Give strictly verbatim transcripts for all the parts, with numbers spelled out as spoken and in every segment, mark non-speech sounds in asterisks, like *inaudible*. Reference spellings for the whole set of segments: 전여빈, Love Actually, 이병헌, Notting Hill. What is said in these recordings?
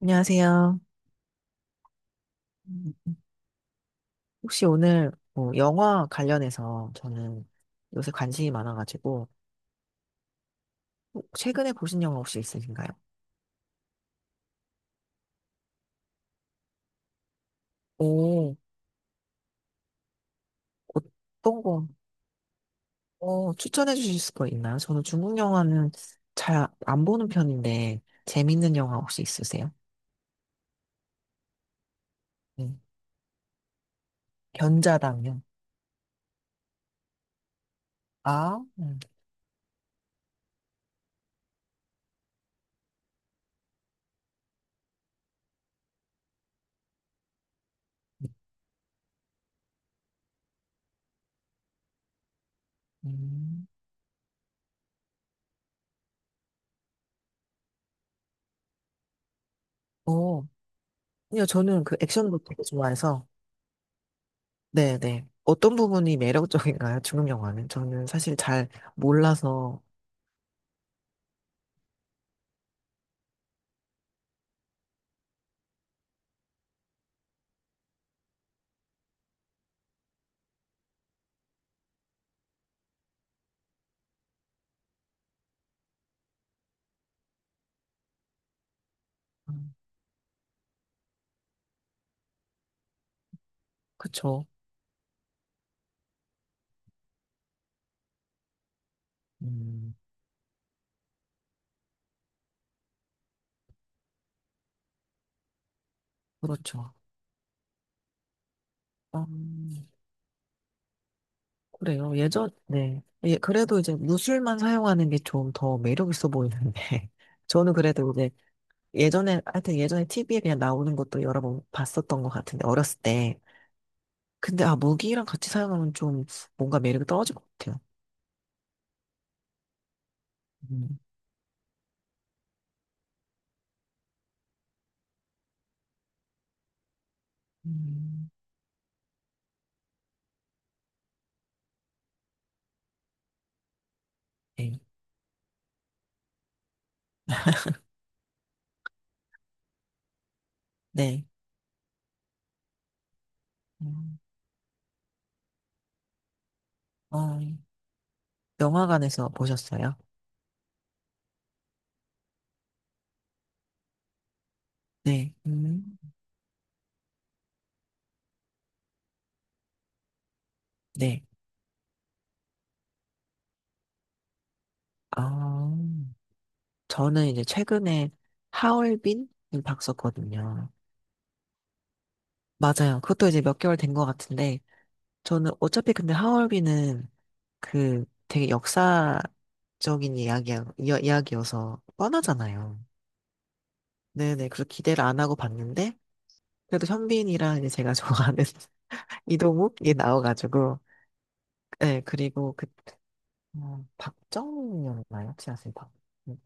안녕하세요. 음, 혹시 오늘 뭐 영화 관련해서 저는 요새 관심이 많아가지고 혹- 최근에 보신 영화 혹시 있으신가요? 오, 어떤 거. 어, 추천해 주실 거 있나요? 저는 중국 영화는 잘 안 보는 편인데 재밌는 영화 혹시 있으세요? 네. 견자당요. 아, 음. 음. 오, 아니요, 저는 그 액션도 되게 좋아해서. 네네. 어떤 부분이 매력적인가요? 중국 영화는 저는 사실 잘 몰라서. 그쵸. 음, 그렇죠. 음, 그래요. 예전, 네. 예, 그래도 이제 무술만 사용하는 게 좀 더 매력 있어 보이는데. *laughs* 저는 그래도 이제 예전에, 하여튼 예전에 티비에 그냥 나오는 것도 여러 번 봤었던 것 같은데, 어렸을 때. 근데 아, 무기랑 같이 사용하면 좀 뭔가 매력이 떨어질 것 같아요. 음, 음, 네. *laughs* 네. 음, 어, 영화관에서 보셨어요? 네. 음, 네. 아. 저는 이제 최근에 하얼빈을 봤었거든요. 맞아요. 그것도 이제 몇 개월 된 것 같은데, 저는 어차피 근데 하얼빈은 그 되게 역사적인 이야기야, 이야- 이야기여서 뻔하잖아요. 네네. 그래서 기대를 안 하고 봤는데, 그래도 현빈이랑 이제 제가 좋아하는 *laughs* 이동욱이 나와가지고, 네, 그리고 그, 어, 박정현이었나요? 혹시 아세요? 박, 음,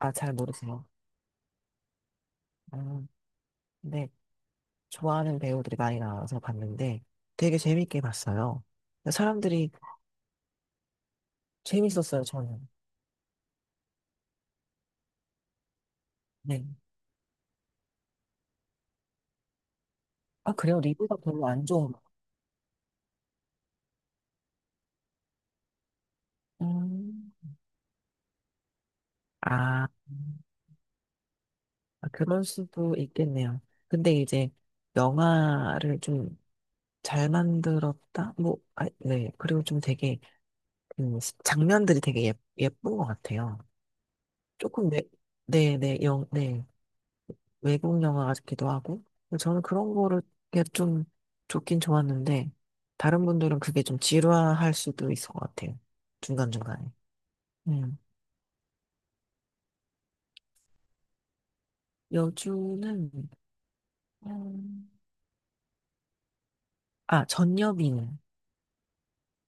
아, 잘 모르세요. 아, 네. 좋아하는 배우들이 많이 나와서 봤는데 되게 재밌게 봤어요. 사람들이 재밌었어요, 저는. 네. 아, 그래요? 리뷰가 별로 안 좋아. 음. 아, 음. 아, 그럴 수도 있겠네요. 근데 이제 영화를 좀 잘 만들었다? 뭐, 아, 네. 그리고 좀 되게, 음, 장면들이 되게 예, 예쁜 것 같아요. 조금, 네, 네, 네, 영, 네. 외국 영화 같기도 하고. 근데 저는 그런 거를 그게 좀 좋긴 좋았는데, 다른 분들은 그게 좀 지루할 수도 있을 것 같아요. 중간중간에. 음. 여주는, 음, 아, 전여빈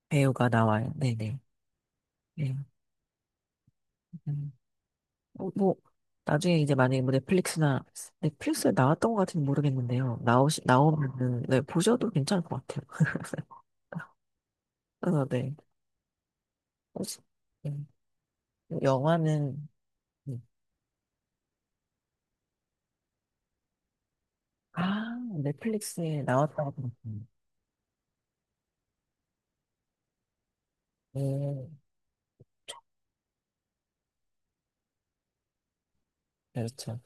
배우가 나와요. 네네. 네. 음. 어, 뭐, 나중에 이제 만약에 뭐 넷플릭스나, 넷플릭스에 나왔던 것 같은지 모르겠는데요. 나오시, 나오면은, 네, 보셔도 괜찮을 것 같아요. *laughs* 그래서 네. 혹시, 음, 영화는, 음, 아, 넷플릭스에 나왔다고 들었군요. 예, 그렇죠.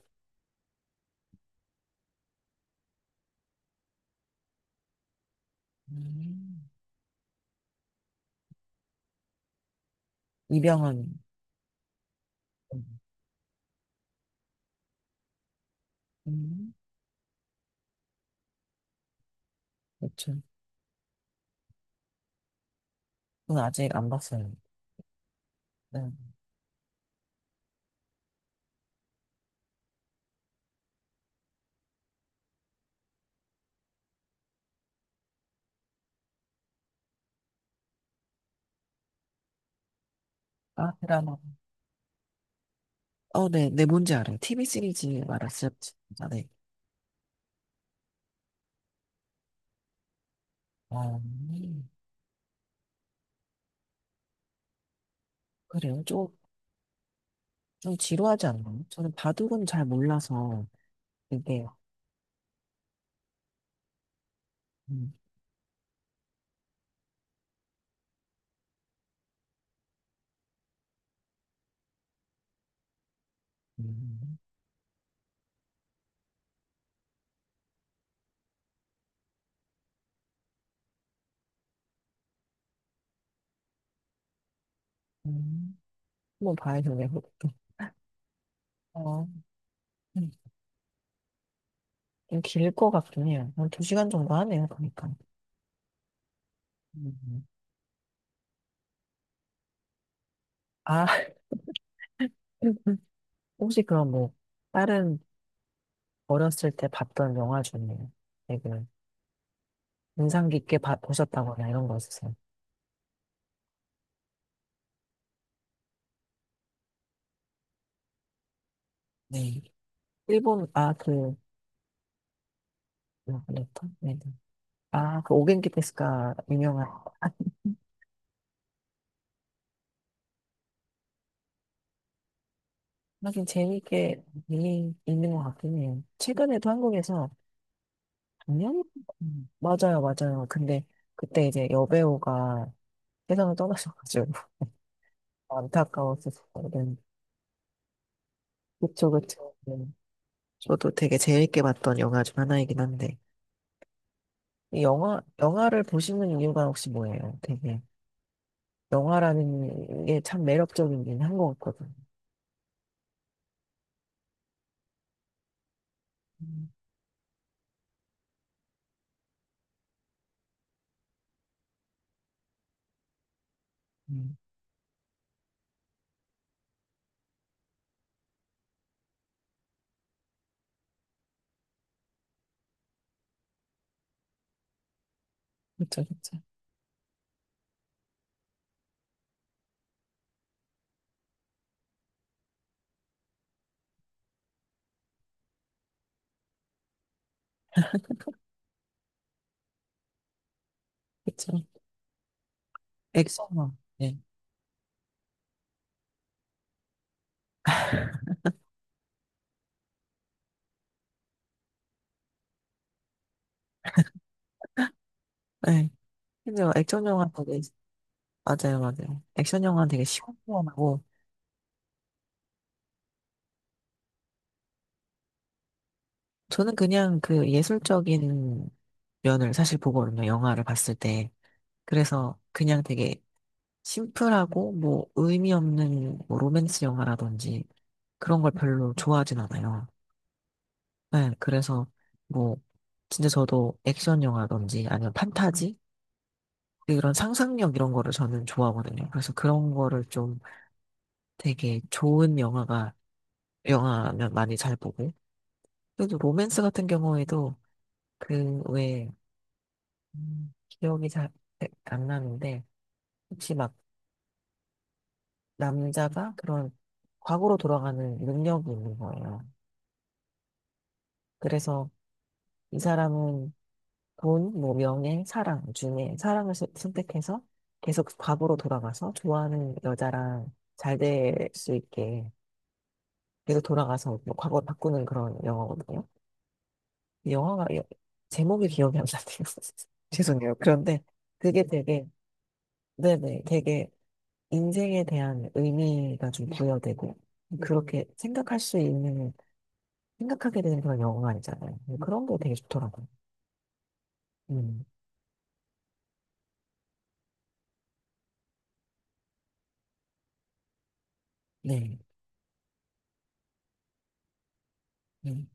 음. 이병헌. 음, 음, 그렇죠. 그건 아직 안 봤어요. 네. 아, 드라마. 어, 네, 네, 뭔지 알아요. 티비 시리즈 말았어요. 진짜, 네. 어, 음. 그래요. 좀, 좀 지루하지 않나요? 저는 바둑은 잘 몰라서, 이게, 음, 음, 음. 한번 봐야겠네요. 그것도. 어, 음. 좀 길 것 같긴 해요. 한 두 시간 정도 하네요, 보니까. 음. 아, *laughs* 혹시 그럼 뭐 다른 어렸을 때 봤던 영화 중에 되게 인상 깊게 봐- 보셨다거나 이런 거 있으세요? 네. 일본 아그 레터? 네. 아그 오겐키 테스카 유명한. 하긴 재미있게 있는 있는 것 같긴 해요. 최근에도 한국에서. 작년? 음, 맞아요, 맞아요. 근데 그때 이제 여배우가 세상을 떠나셔가지고 *laughs* 안타까웠었거든요. 그쵸, 그쵸. 네. 저도 되게 재밌게 봤던 영화 중 하나이긴 한데. 이 영화, 영화를 보시는 이유가 혹시 뭐예요? 되게, 영화라는 게 참 매력적이긴 한 것 같거든요. 음, 음. 그쵸, 그쵸, 그쵸. 액션, 영화, 네. *laughs* 네. 근데 액션 영화 되게, 맞아요, 맞아요. 액션 영화는 되게 시원시원하고, 저는 그냥 그 예술적인 면을 사실 보거든요, 영화를 봤을 때. 그래서 그냥 되게 심플하고, 뭐, 의미 없는 뭐 로맨스 영화라든지 그런 걸 별로 좋아하진 않아요. 네, 그래서 뭐 진짜 저도 액션 영화든지 아니면 판타지 이런 상상력 이런 거를 저는 좋아하거든요. 그래서 그런 거를 좀 되게 좋은 영화가 영화면 많이 잘 보고 그래도 로맨스 같은 경우에도 그왜 기억이 잘 안 나는데 혹시 막 남자가 그런 과거로 돌아가는 능력이 있는 거예요. 그래서 이 사람은 돈, 뭐, 명예, 사랑 중에 사랑을 스- 선택해서 계속 과거로 돌아가서 좋아하는 여자랑 잘 될 수 있게 계속 돌아가서 뭐 과거를 바꾸는 그런 영화거든요. 이 영화가 여- 제목이 기억이 안 나네요. *laughs* 죄송해요. 그런데 그게 되게 네네 되게 인생에 대한 의미가 좀 부여되고 그렇게 생각할 수 있는 생각하게 되는 그런 영화가 아니잖아요. 그런 게 되게 좋더라고요. 음, 네. 음.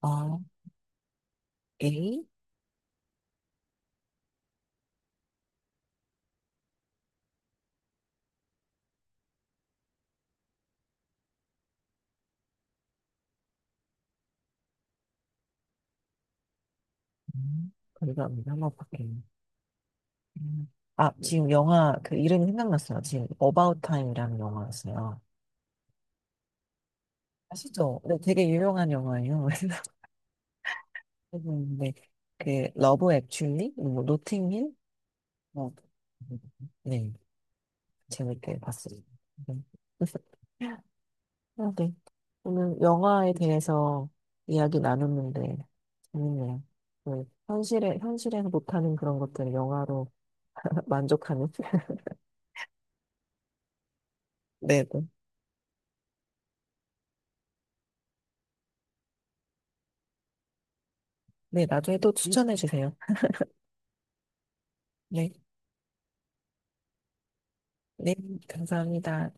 아, A? 음, 감사합니다. 한번 볼게요. 음. 아, 지금 영화, 그 이름이 생각났어요. 지금 About Time이라는 영화였어요. 아시죠? 네, 되게 유명한 영화예요. *laughs* 근데 그 러브 액츄얼리, 뭐 노팅힐, 뭐 네, 재밌게 봤어요. 네. *laughs* 아, 네. 오늘 영화에 대해서 이야기 나눴는데 재밌네요. 네, 현실에 현실에서 못하는 그런 것들을 영화로 *laughs* 만족하는. *laughs* 네. 네, 나중에 또 추천해 주세요. 네, 네, 감사합니다.